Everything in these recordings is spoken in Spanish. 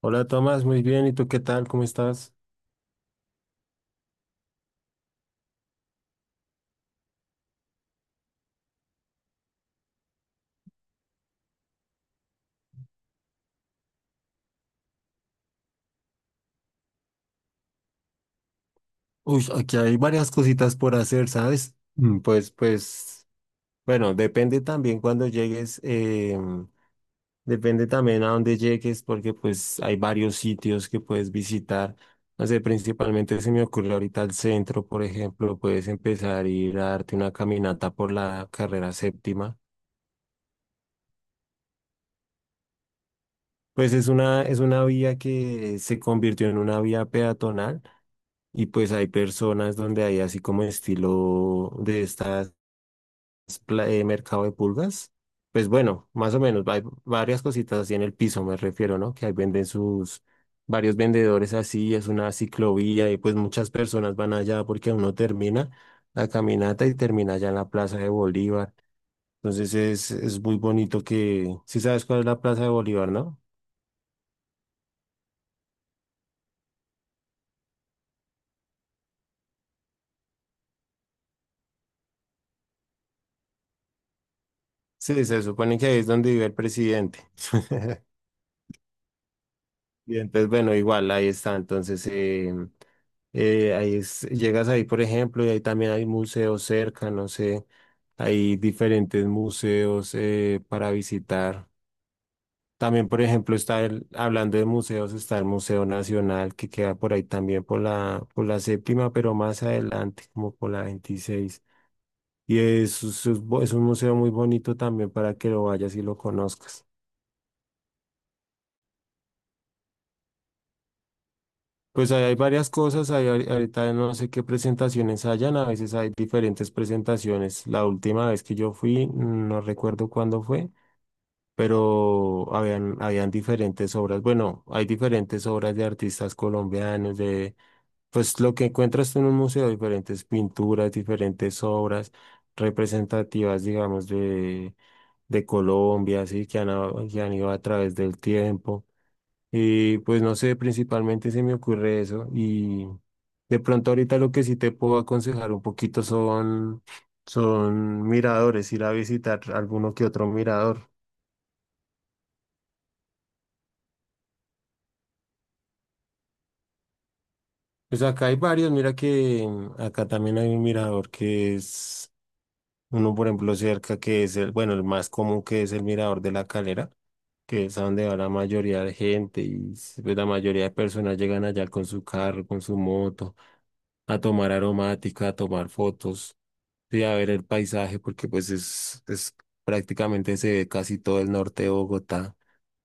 Hola Tomás, muy bien. ¿Y tú qué tal? ¿Cómo estás? Uy, aquí hay varias cositas por hacer, ¿sabes? Pues, bueno, depende también cuando llegues, depende también a dónde llegues, porque pues hay varios sitios que puedes visitar. No sé, principalmente se me ocurre ahorita el centro, por ejemplo, puedes empezar a ir a darte una caminata por la carrera séptima. Pues es una vía que se convirtió en una vía peatonal. Y pues hay personas donde hay así como estilo de estas mercado de pulgas. Pues bueno, más o menos, hay varias cositas así en el piso, me refiero, ¿no? Que ahí venden sus varios vendedores así, es una ciclovía y pues muchas personas van allá porque uno termina la caminata y termina allá en la Plaza de Bolívar. Entonces es muy bonito que, si sabes cuál es la Plaza de Bolívar, ¿no? Sí, se supone que ahí es donde vive el presidente. Y entonces, bueno, igual, ahí está. Entonces, llegas ahí, por ejemplo, y ahí también hay museos cerca, no sé, hay diferentes museos para visitar. También, por ejemplo, está el, hablando de museos, está el Museo Nacional, que queda por ahí también por la, séptima, pero más adelante, como por la 26. Y es un museo muy bonito también para que lo vayas y lo conozcas. Pues ahí hay varias cosas, ahí ahorita no sé qué presentaciones hayan, a veces hay diferentes presentaciones. La última vez que yo fui, no recuerdo cuándo fue, pero habían diferentes obras. Bueno, hay diferentes obras de artistas colombianos, de pues lo que encuentras tú en un museo, diferentes pinturas, diferentes obras representativas, digamos, de Colombia, así que que han ido a través del tiempo. Y pues no sé, principalmente se me ocurre eso. Y de pronto ahorita lo que sí te puedo aconsejar un poquito son miradores, ir a visitar alguno que otro mirador. Pues acá hay varios, mira que acá también hay un mirador que es uno, por ejemplo, cerca que es el, bueno, el más común que es el mirador de la Calera, que es a donde va la mayoría de gente y pues, la mayoría de personas llegan allá con su carro, con su moto, a tomar aromática, a tomar fotos. Sí, a ver el paisaje, porque pues es prácticamente se ve casi todo el norte de Bogotá.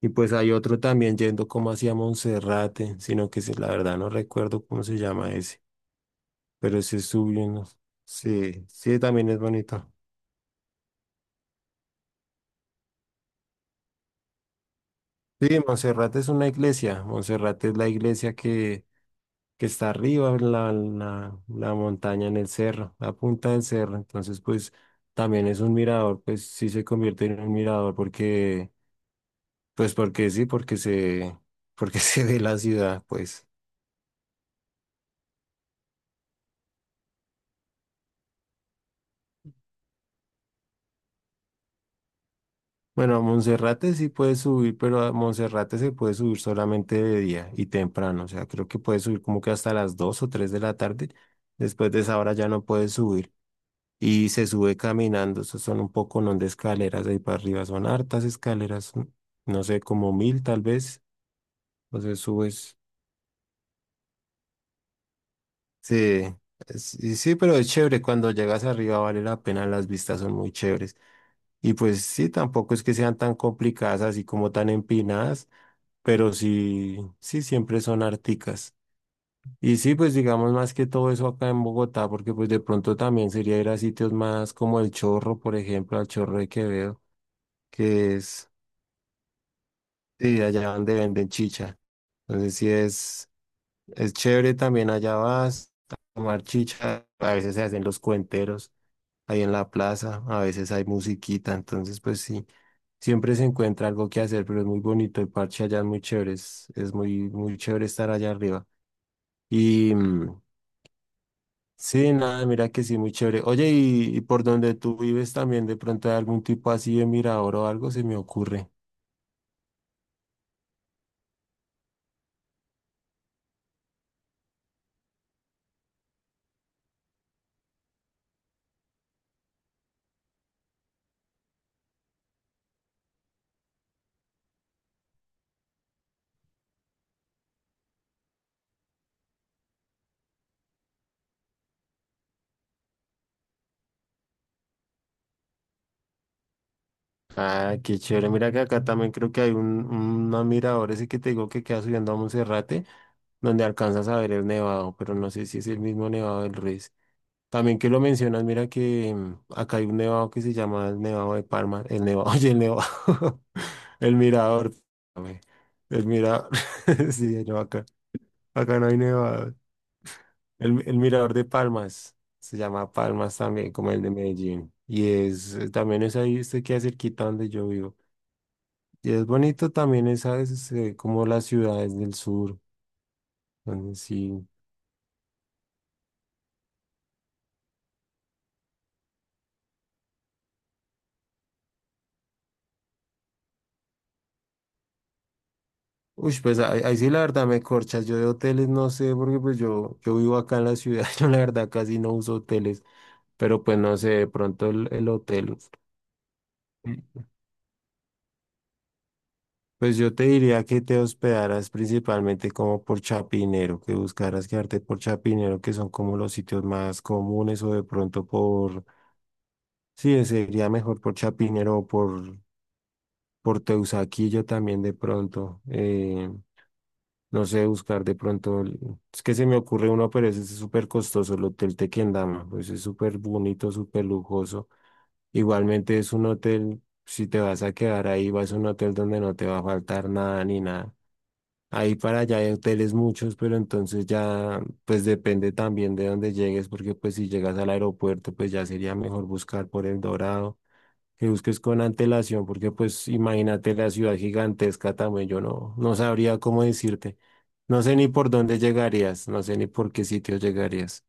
Y pues hay otro también yendo como hacia Monserrate, sino que sí, la verdad no recuerdo cómo se llama ese, pero sí es subiendo. Sí, sí, también es bonito. Sí, Monserrate es una iglesia. Monserrate es la iglesia que está arriba, en la montaña en el cerro, la punta del cerro. Entonces, pues también es un mirador, pues sí se convierte en un mirador porque pues porque sí, porque se ve la ciudad, pues. Bueno, a Monserrate sí puedes subir, pero a Monserrate se puede subir solamente de día y temprano. O sea, creo que puedes subir como que hasta las 2 o 3 de la tarde. Después de esa hora ya no puedes subir. Y se sube caminando. Eso son un poco, no de escaleras ahí para arriba. Son hartas escaleras. ¿No? No sé, como 1.000 tal vez. Entonces subes. Sí, sí, sí, pero es chévere. Cuando llegas arriba vale la pena. Las vistas son muy chéveres. Y pues sí, tampoco es que sean tan complicadas así como tan empinadas, pero sí, sí, siempre son articas. Y sí, pues digamos más que todo eso acá en Bogotá, porque pues de pronto también sería ir a sitios más como El Chorro, por ejemplo, al Chorro de Quevedo, que es, sí, allá donde venden chicha. Entonces sí es chévere también allá vas a tomar chicha, a veces se hacen los cuenteros ahí en la plaza, a veces hay musiquita, entonces pues sí. Siempre se encuentra algo que hacer, pero es muy bonito. El parche allá es muy chévere. Es muy, muy chévere estar allá arriba. Y sí, nada, mira que sí, muy chévere. Oye, y, por donde tú vives también, de pronto hay algún tipo así de mirador o algo, se me ocurre. Ah, qué chévere. Mira que acá también creo que hay un mirador ese que te digo que queda subiendo a Monserrate, donde alcanzas a ver el nevado, pero no sé si es el mismo nevado del Ruiz. También que lo mencionas, mira que acá hay un nevado que se llama el Nevado de Parma, el Nevado, oye, el Nevado, el Mirador, perdóname, el Mirador, sí, no, acá, acá no hay nevado, el, Mirador de Palmas, se llama Palmas también, como el de Medellín, y es, también es ahí, este queda cerquita donde yo vivo, y es bonito también, es, ¿sabes? Es, como las ciudades del sur, donde sí. Uy, pues ahí, ahí sí la verdad me corchas. Yo de hoteles no sé, porque pues yo, vivo acá en la ciudad, yo la verdad casi no uso hoteles, pero pues no sé, de pronto el hotel. Mm. Pues yo te diría que te hospedaras principalmente como por Chapinero, que buscaras quedarte por Chapinero, que son como los sitios más comunes, o de pronto por, sí, sería mejor por Chapinero o por Teusaquillo también de pronto. No sé, buscar de pronto. Es que se me ocurre uno, pero ese es súper costoso, el Hotel Tequendama. Pues es súper bonito, súper lujoso. Igualmente es un hotel, si te vas a quedar ahí, vas a un hotel donde no te va a faltar nada ni nada. Ahí para allá hay hoteles muchos, pero entonces ya, pues depende también de dónde llegues, porque pues si llegas al aeropuerto, pues ya sería mejor buscar por El Dorado que busques con antelación, porque pues imagínate la ciudad gigantesca también, yo no, no sabría cómo decirte. No sé ni por dónde llegarías, no sé ni por qué sitio llegarías.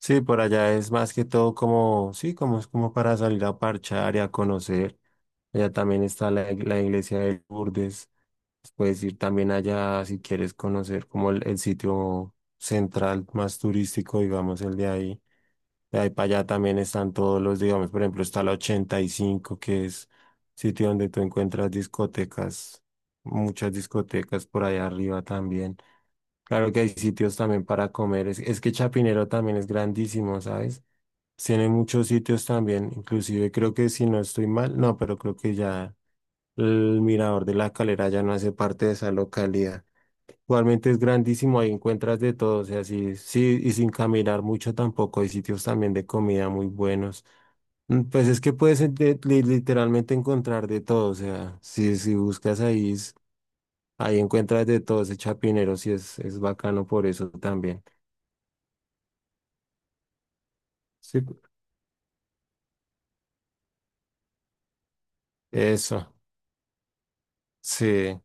Sí, por allá es más que todo como, sí, como es como para salir a parchar y a conocer. Allá también está la, la iglesia de Lourdes. Puedes ir también allá si quieres conocer como el sitio central más turístico, digamos, el de ahí. De ahí para allá también están todos los, digamos, por ejemplo, está la 85 que es sitio donde tú encuentras discotecas, muchas discotecas por allá arriba también. Claro que hay sitios también para comer. Es que Chapinero también es grandísimo, ¿sabes? Tiene muchos sitios también, inclusive creo que si no estoy mal, no, pero creo que ya el mirador de la calera ya no hace parte de esa localidad. Igualmente es grandísimo, ahí encuentras de todo, o sea, sí, sí, y sin caminar mucho tampoco, hay sitios también de comida muy buenos. Mm, pues es que puedes literalmente encontrar de todo, o sea, si, buscas ahí, ahí encuentras de todo, ese Chapinero sí es bacano por eso también. Sí. Eso, sí.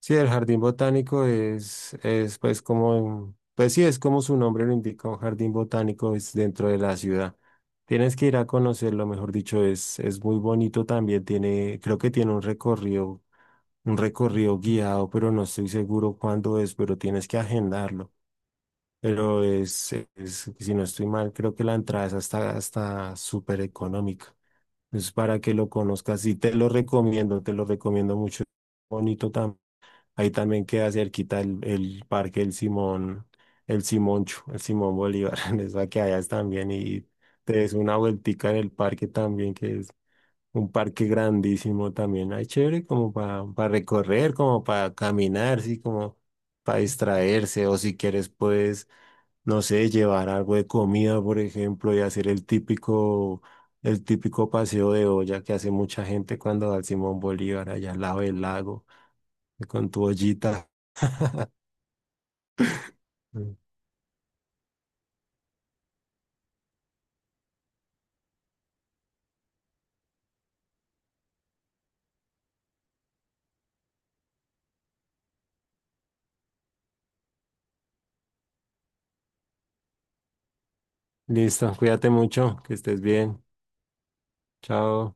Sí, el jardín botánico es pues como, pues sí, es como su nombre lo indica, un jardín botánico es dentro de la ciudad. Tienes que ir a conocerlo, mejor dicho, es muy bonito también, tiene, creo que tiene un recorrido guiado, pero no estoy seguro cuándo es, pero tienes que agendarlo. Pero es, si no estoy mal, creo que la entrada es hasta, hasta súper económica. Es para que lo conozcas y te lo recomiendo mucho. Bonito también. Ahí también queda cerquita el, parque El Simón, el Simoncho, el Simón Bolívar, en esa que allá también y te des una vueltica en el parque también, que es un parque grandísimo también. Ahí chévere como para recorrer, como para caminar, sí, como para distraerse o si quieres puedes, no sé, llevar algo de comida, por ejemplo, y hacer el típico paseo de olla que hace mucha gente cuando va al Simón Bolívar, allá al lado del lago, con tu ollita. Mm. Listo, cuídate mucho, que estés bien. Chao.